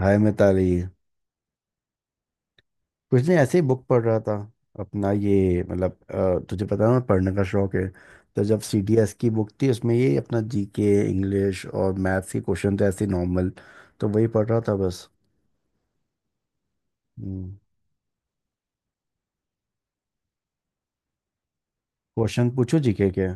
हाय मिताली। कुछ नहीं, ऐसे ही बुक पढ़ रहा था। अपना ये मतलब तुझे पता है ना, पढ़ने का शौक है। तो जब सीडीएस की बुक थी उसमें ये अपना जीके, इंग्लिश और मैथ्स के क्वेश्चन थे, ऐसे नॉर्मल। तो वही पढ़ रहा था बस। हम्म। क्वेश्चन पूछो जीके के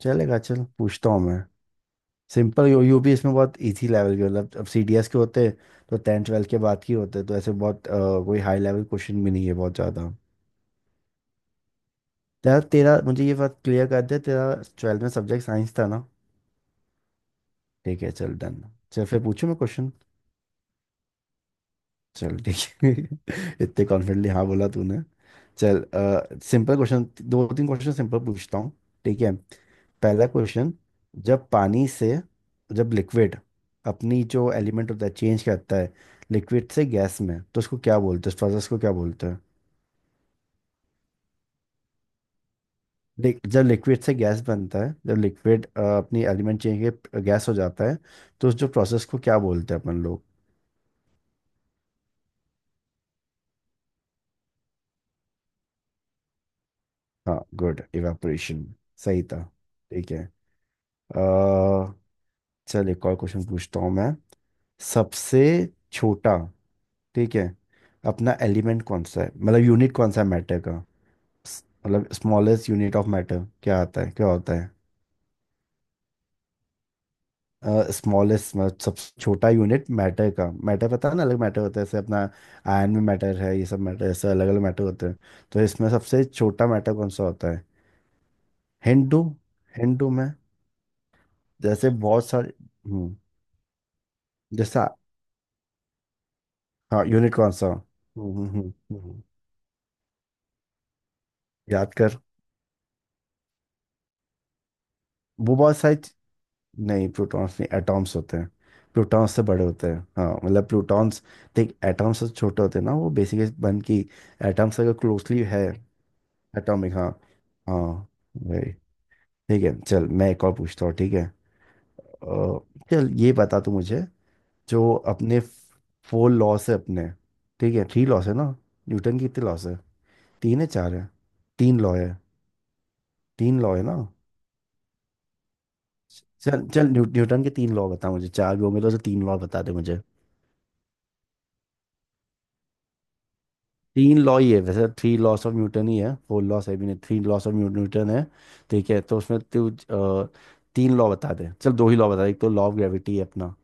चलेगा, चल पूछता हूँ मैं। सिंपल, यू यू भी इसमें बहुत इजी लेवल के, मतलब अब सीडीएस के होते तो टेंथ ट्वेल्थ के बाद के होते, तो ऐसे बहुत कोई हाई लेवल क्वेश्चन भी नहीं है बहुत ज़्यादा। तेरा तेरा मुझे ये बात क्लियर कर दे, तेरा ट्वेल्थ में सब्जेक्ट साइंस था ना? ठीक है, चल डन। चल फिर पूछूं मैं क्वेश्चन। चल ठीक है इतने कॉन्फिडेंटली हाँ बोला तूने। चल, सिंपल क्वेश्चन, दो तीन क्वेश्चन सिंपल पूछता हूँ, ठीक है? पहला क्वेश्चन। जब पानी से, जब लिक्विड अपनी जो एलिमेंट होता है चेंज करता है, लिक्विड से गैस में, तो उसको क्या बोलते हैं, इस प्रोसेस को क्या बोलते हैं? जब लिक्विड से गैस बनता है, जब लिक्विड अपनी एलिमेंट चेंज के गैस हो जाता है, तो उस जो प्रोसेस को क्या बोलते हैं अपन लोग? हाँ गुड, इवेपोरेशन। सही था। ठीक है। अ, चल एक और क्वेश्चन पूछता हूँ मैं। सबसे छोटा, ठीक है, अपना एलिमेंट कौन सा है, मतलब यूनिट कौन सा है मैटर का? मतलब स्मॉलेस्ट यूनिट ऑफ मैटर क्या आता है, क्या होता है? स्मॉलेस्ट मतलब सबसे छोटा यूनिट मैटर का। मैटर पता है ना, अलग मैटर होता है, जैसे अपना आयन में मैटर है, ये सब मैटर, ऐसे अलग अलग मैटर होते हैं। तो इसमें सबसे छोटा मैटर कौन सा होता है? हिंट दूँ हिंट दूँ मैं। जैसे बहुत सारे, हम्म, जैसा, हाँ यूनिकॉर्न सा। हम्म, हम्म। याद कर, वो बहुत सारी नहीं प्रोटॉन्स नहीं, एटॉम्स होते हैं। प्रोटॉन्स से बड़े होते हैं, हाँ मतलब प्रोटॉन्स, देख एटॉम्स से छोटे होते हैं ना वो, बेसिकली बन की एटॉम्स अगर क्लोजली है, एटॉमिक, हाँ हाँ वही। ठीक है, चल मैं एक और पूछता हूँ, ठीक है? अ, चल ये बता तू मुझे, जो अपने फोर लॉस है अपने, ठीक है थ्री लॉस है ना, न्यूटन की कितने लॉस है, तीन है चार है? तीन लॉ है। तीन लॉ है ना? चल चल, न्यूटन के तीन लॉ बता मुझे, चार भी होंगे तो उसे तीन लॉ बता दे मुझे। तीन लॉ ही है वैसे, थ्री लॉस ऑफ न्यूटन ही है, फोर लॉस है भी नहीं, थ्री लॉस ऑफ न्यूटन है। ठीक है, तो उसमें तू तीन लॉ बता दे, चल दो ही लॉ बता दे। एक तो लॉ ऑफ ग्रेविटी है अपना।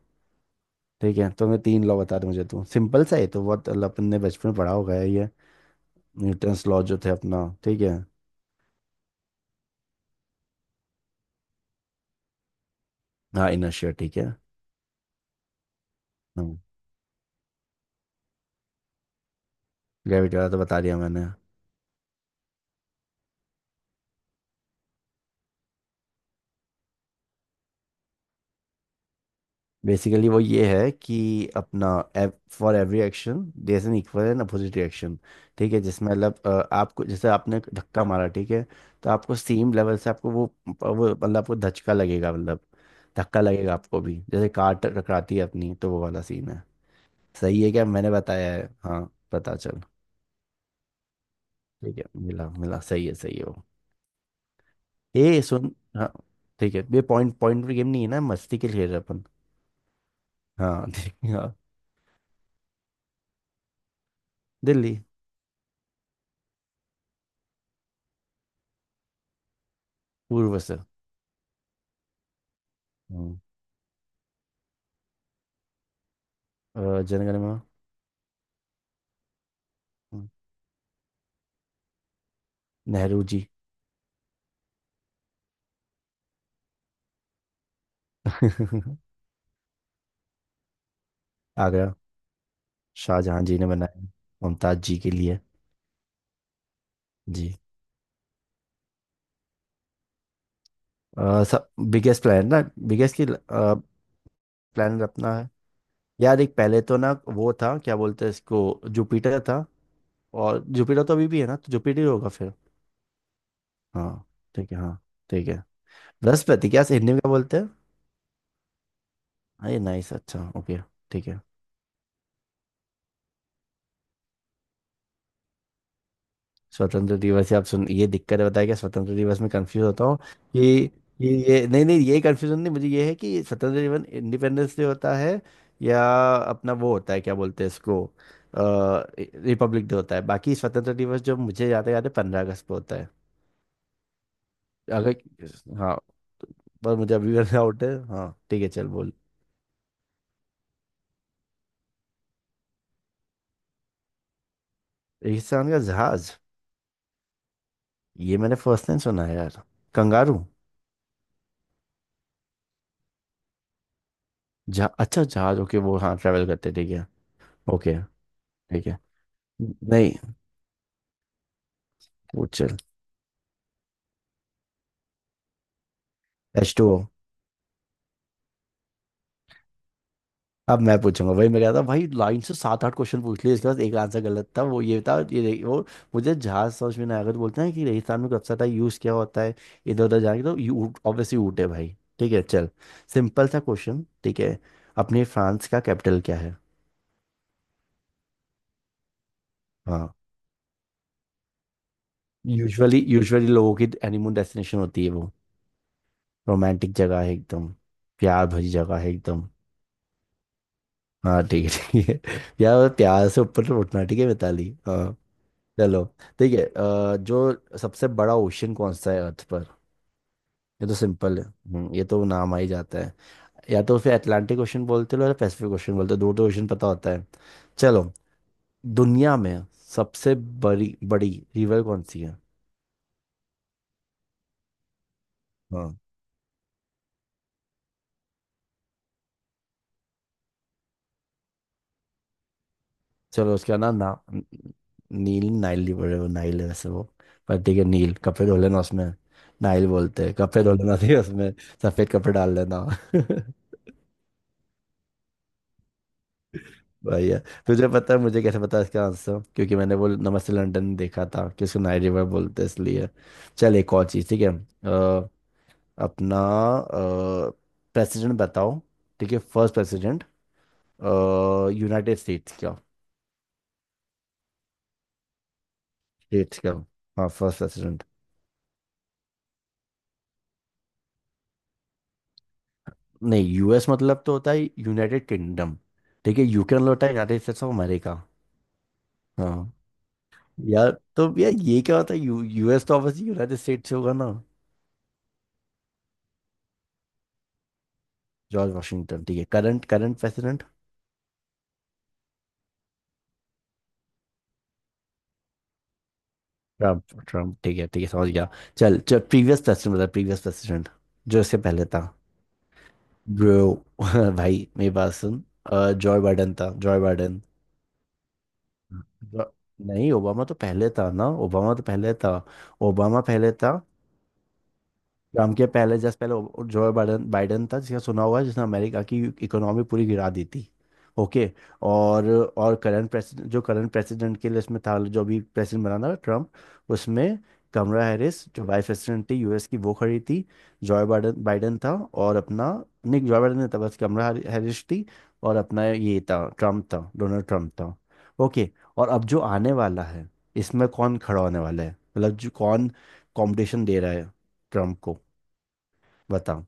ठीक है, तो मैं तीन लॉ बता दे मुझे तू, सिंपल सा है, तो बहुत अपन ने बचपन में पढ़ा होगा है ये, न्यूटन्स लॉ जो थे अपना, ठीक है। हाँ इनर्शिया, ठीक है। ग्रेविटी वाला तो बता दिया मैंने। बेसिकली वो ये है कि अपना, for every action there is an equal and opposite reaction. ठीक है, जिसमें मतलब आपको जैसे आपने धक्का मारा, ठीक है, तो आपको सेम लेवल से आपको वो मतलब आपको धचका लगेगा, मतलब धक्का लगेगा आपको भी, जैसे कार टकराती है अपनी तो वो वाला सीन है। सही है क्या मैंने बताया है, हाँ? पता चल। ठीक है, मिला मिला, सही है वो। ए सुन, हाँ, ठीक है, ये पॉइंट पॉइंट पर गेम नहीं है ना, मस्ती के लिए खेल रहे अपन। हाँ ठीक है हाँ। दिल्ली। पूर्व से। हम्म। अ, जनगणना। नेहरू जी। आगरा। शाहजहां जी ने बनाया, मुमताज जी के लिए। जी। सब, बिगेस्ट प्लान ना, बिगेस्ट की, प्लान अपना है। यार, एक पहले तो ना वो था, क्या बोलते हैं इसको, जुपिटर था। और जुपिटर तो अभी भी है ना, तो जुपिटर ही होगा फिर। हाँ ठीक है हाँ। ठीक है। बृहस्पति क्या हिंदी में क्या बोलते हैं। अरे नाइस, अच्छा ओके, ठीक है। स्वतंत्र दिवस या आप सुन, ये दिक्कत है, बताया क्या, स्वतंत्र दिवस में कंफ्यूज होता हूँ कि, ये नहीं नहीं, ये कंफ्यूजन नहीं, मुझे ये है कि स्वतंत्र दिवस इंडिपेंडेंस डे होता है, या अपना वो होता है, क्या बोलते हैं इसको, रिपब्लिक डे होता है। बाकी स्वतंत्र दिवस जो मुझे याद है याद है, 15 अगस्त को होता है। अगर, हाँ। पर मुझे अभी भी डाउट है, हाँ, ठीक है चल बोल। रेगिस्तान का जहाज, ये मैंने फर्स्ट टाइम सुना है यार। कंगारू। जहा अच्छा, जहाज ओके, वो हाँ ट्रेवल करते, ठीक है, ओके। ठीक है, नहीं पूछ। H2O। अब मैं पूछूंगा, वही मैं कह रहा था भाई, लाइन से सात आठ क्वेश्चन पूछ लिए, इसके बाद एक आंसर गलत था, वो ये था, ये वो मुझे जहाज समझ में नहीं आया, तो बोलते हैं कि रेगिस्तान में कब टाइप यूज़ किया होता है, इधर उधर जाके, तो यू ऑब्वियसली ऊँट है भाई, ठीक है चल। सिंपल सा क्वेश्चन, ठीक है, अपने फ्रांस का कैपिटल क्या है? हाँ, यूजुअली यूजुअली लोगों की हनीमून डेस्टिनेशन होती है वो, रोमांटिक जगह है एकदम, प्यार भरी जगह है एकदम। हाँ ठीक है यार प्यार से ऊपर तो उठना, ठीक है मिताली हाँ। चलो ठीक है, जो सबसे बड़ा ओशन कौन सा है अर्थ पर? ये तो सिंपल है, ये तो नाम आ ही जाता है, या तो उसे अटलांटिक ओशन बोलते हो या पैसिफिक ओशन बोलते हो, दो तो ओशन पता होता है। चलो, दुनिया में सबसे बड़ी बड़ी रिवर कौन सी है? हाँ। चलो उसका नाम ना, नील, नाइल रिवर है वो, नाइल है वैसे वो। पर ठीक है, नील कपड़े धो लेना उसमें, नाइल बोलते हैं, कपड़े धो लेना ठीक है उसमें, सफेद कपड़े डाल लेना भैया, तुझे पता है मुझे कैसे पता है इसका आंसर, क्योंकि मैंने वो नमस्ते लंदन देखा था कि उसको नाइट रिवर बोलते हैं, इसलिए। चल एक और चीज़ ठीक है, अपना प्रेसिडेंट बताओ, ठीक है फर्स्ट प्रेसिडेंट, यूनाइटेड स्टेट्स का, स्टेट्स का, हाँ फर्स्ट प्रेसिडेंट। नहीं, यूएस मतलब तो होता है यूनाइटेड किंगडम, ठीक है, यूके मतलब होता है यूनाइटेड स्टेट्स ऑफ अमेरिका। हाँ यार, तो यार ये क्या होता है, यू यूएस तो ऑब्वियसली यूनाइटेड स्टेट्स से होगा ना। जॉर्ज वाशिंगटन, ठीक है, current current president, Trump Trump, ठीक है समझ गया। चल, जो प्रीवियस प्रेसिडेंट, मतलब प्रीवियस प्रेसिडेंट जो इससे पहले था। ब्रो भाई मेरी बात सुन, जॉय बाइडन था, जॉय बाइडन। जो- नहीं, ओबामा तो पहले था ना, ओबामा तो पहले था। ओबामा पहले था, ट्रम्प के पहले, जस्ट पहले जो है, बाइडन, बाइडन था, जिसका सुना हुआ है, जिसने अमेरिका की इकोनॉमी पूरी गिरा दी थी। ओके। और और करंट प्रेसिडेंट, जो करंट प्रेसिडेंट के लिस्ट में था, जो अभी प्रेसिडेंट बना था ट्रम्प, उसमें कमला हैरिस जो वाइस प्रेसिडेंट थी यूएस की वो खड़ी थी, जॉय बाइडन बाइडन था और अपना, नहीं जॉय बाइडन नहीं था, बस कमला हैरिस थी, और अपना ये था, ट्रम्प था, डोनाल्ड ट्रम्प था। ओके। और अब जो आने वाला है, इसमें कौन खड़ा होने वाला है, मतलब जो कौन कॉम्पिटिशन दे रहा है ट्रम्प को, बताओ,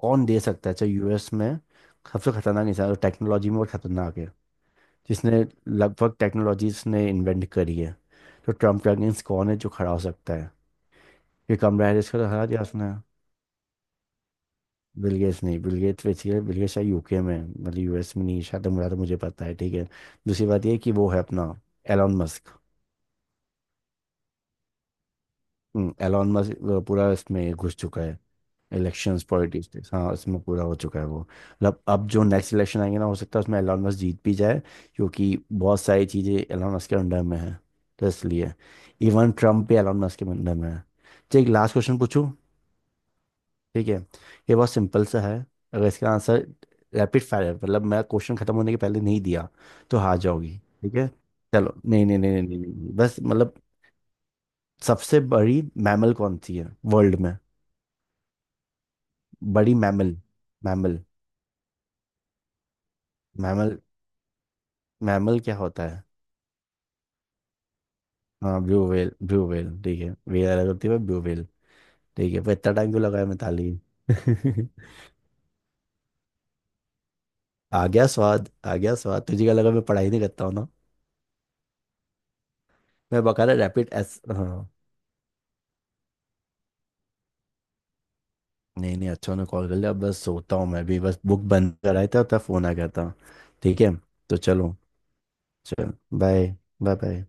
कौन दे सकता है चाहे, यूएस में सबसे खतरनाक इंसान और टेक्नोलॉजी में बहुत खतरनाक है, जिसने लगभग टेक्नोलॉजीज ने इन्वेंट करी है, तो ट्रम्प के अगेंस्ट कौन है जो खड़ा हो सकता है, ये कमला हैरिस को तो हरा दिया उसने। बिल गेट्स नहीं, Bill Gates basically, Bill Gates शायद यूके में है, मतलब यूएस में नहीं है, शायद मुझे, तो मुझे पता है ठीक है। दूसरी बात ये है कि वो है अपना एलॉन मस्क। एलॉन मस्क पूरा इसमें घुस चुका है, इलेक्शंस पॉलिटिक्स थे हाँ, इसमें पूरा हो चुका है वो, मतलब अब जो नेक्स्ट इलेक्शन आएंगे ना, हो सकता है उसमें एलन मस्क जीत भी जाए, क्योंकि बहुत सारी चीज़ें एलन मस्क के अंडर में है, तो इसलिए इवन ट्रम्प भी एलन मस्क के अंडर में है। ठीक, लास्ट क्वेश्चन पूछूं, ठीक है, ये बहुत सिंपल सा है। अगर इसका आंसर रैपिड फायर है, मतलब मैं क्वेश्चन खत्म होने के पहले नहीं दिया तो हार जाओगी, ठीक है। चलो, नहीं नहीं नहीं नहीं नहीं, नहीं, नहीं। बस मतलब सबसे बड़ी मैमल कौन सी है वर्ल्ड में, बड़ी मैमल, मैमल, मैमल, मैमल क्या होता है? हाँ ब्लू व्हेल, ब्लू व्हेल, ठीक है, व्हेल अलग होती है ब्लू व्हेल। ठीक है, पर इतना टाइम क्यों लगाया मिताली? आ गया स्वाद, आ गया स्वाद, तुझे क्या लगा मैं पढ़ाई नहीं करता हूँ ना, मैं बकायदा रैपिड एस हाँ। नहीं नहीं, अच्छा उन्होंने कॉल कर लिया, अब बस सोता हूँ मैं भी, बस बुक बंद कराया था तब फोन आ गया था, ठीक है, तो चलो, चल बाय बाय बाय।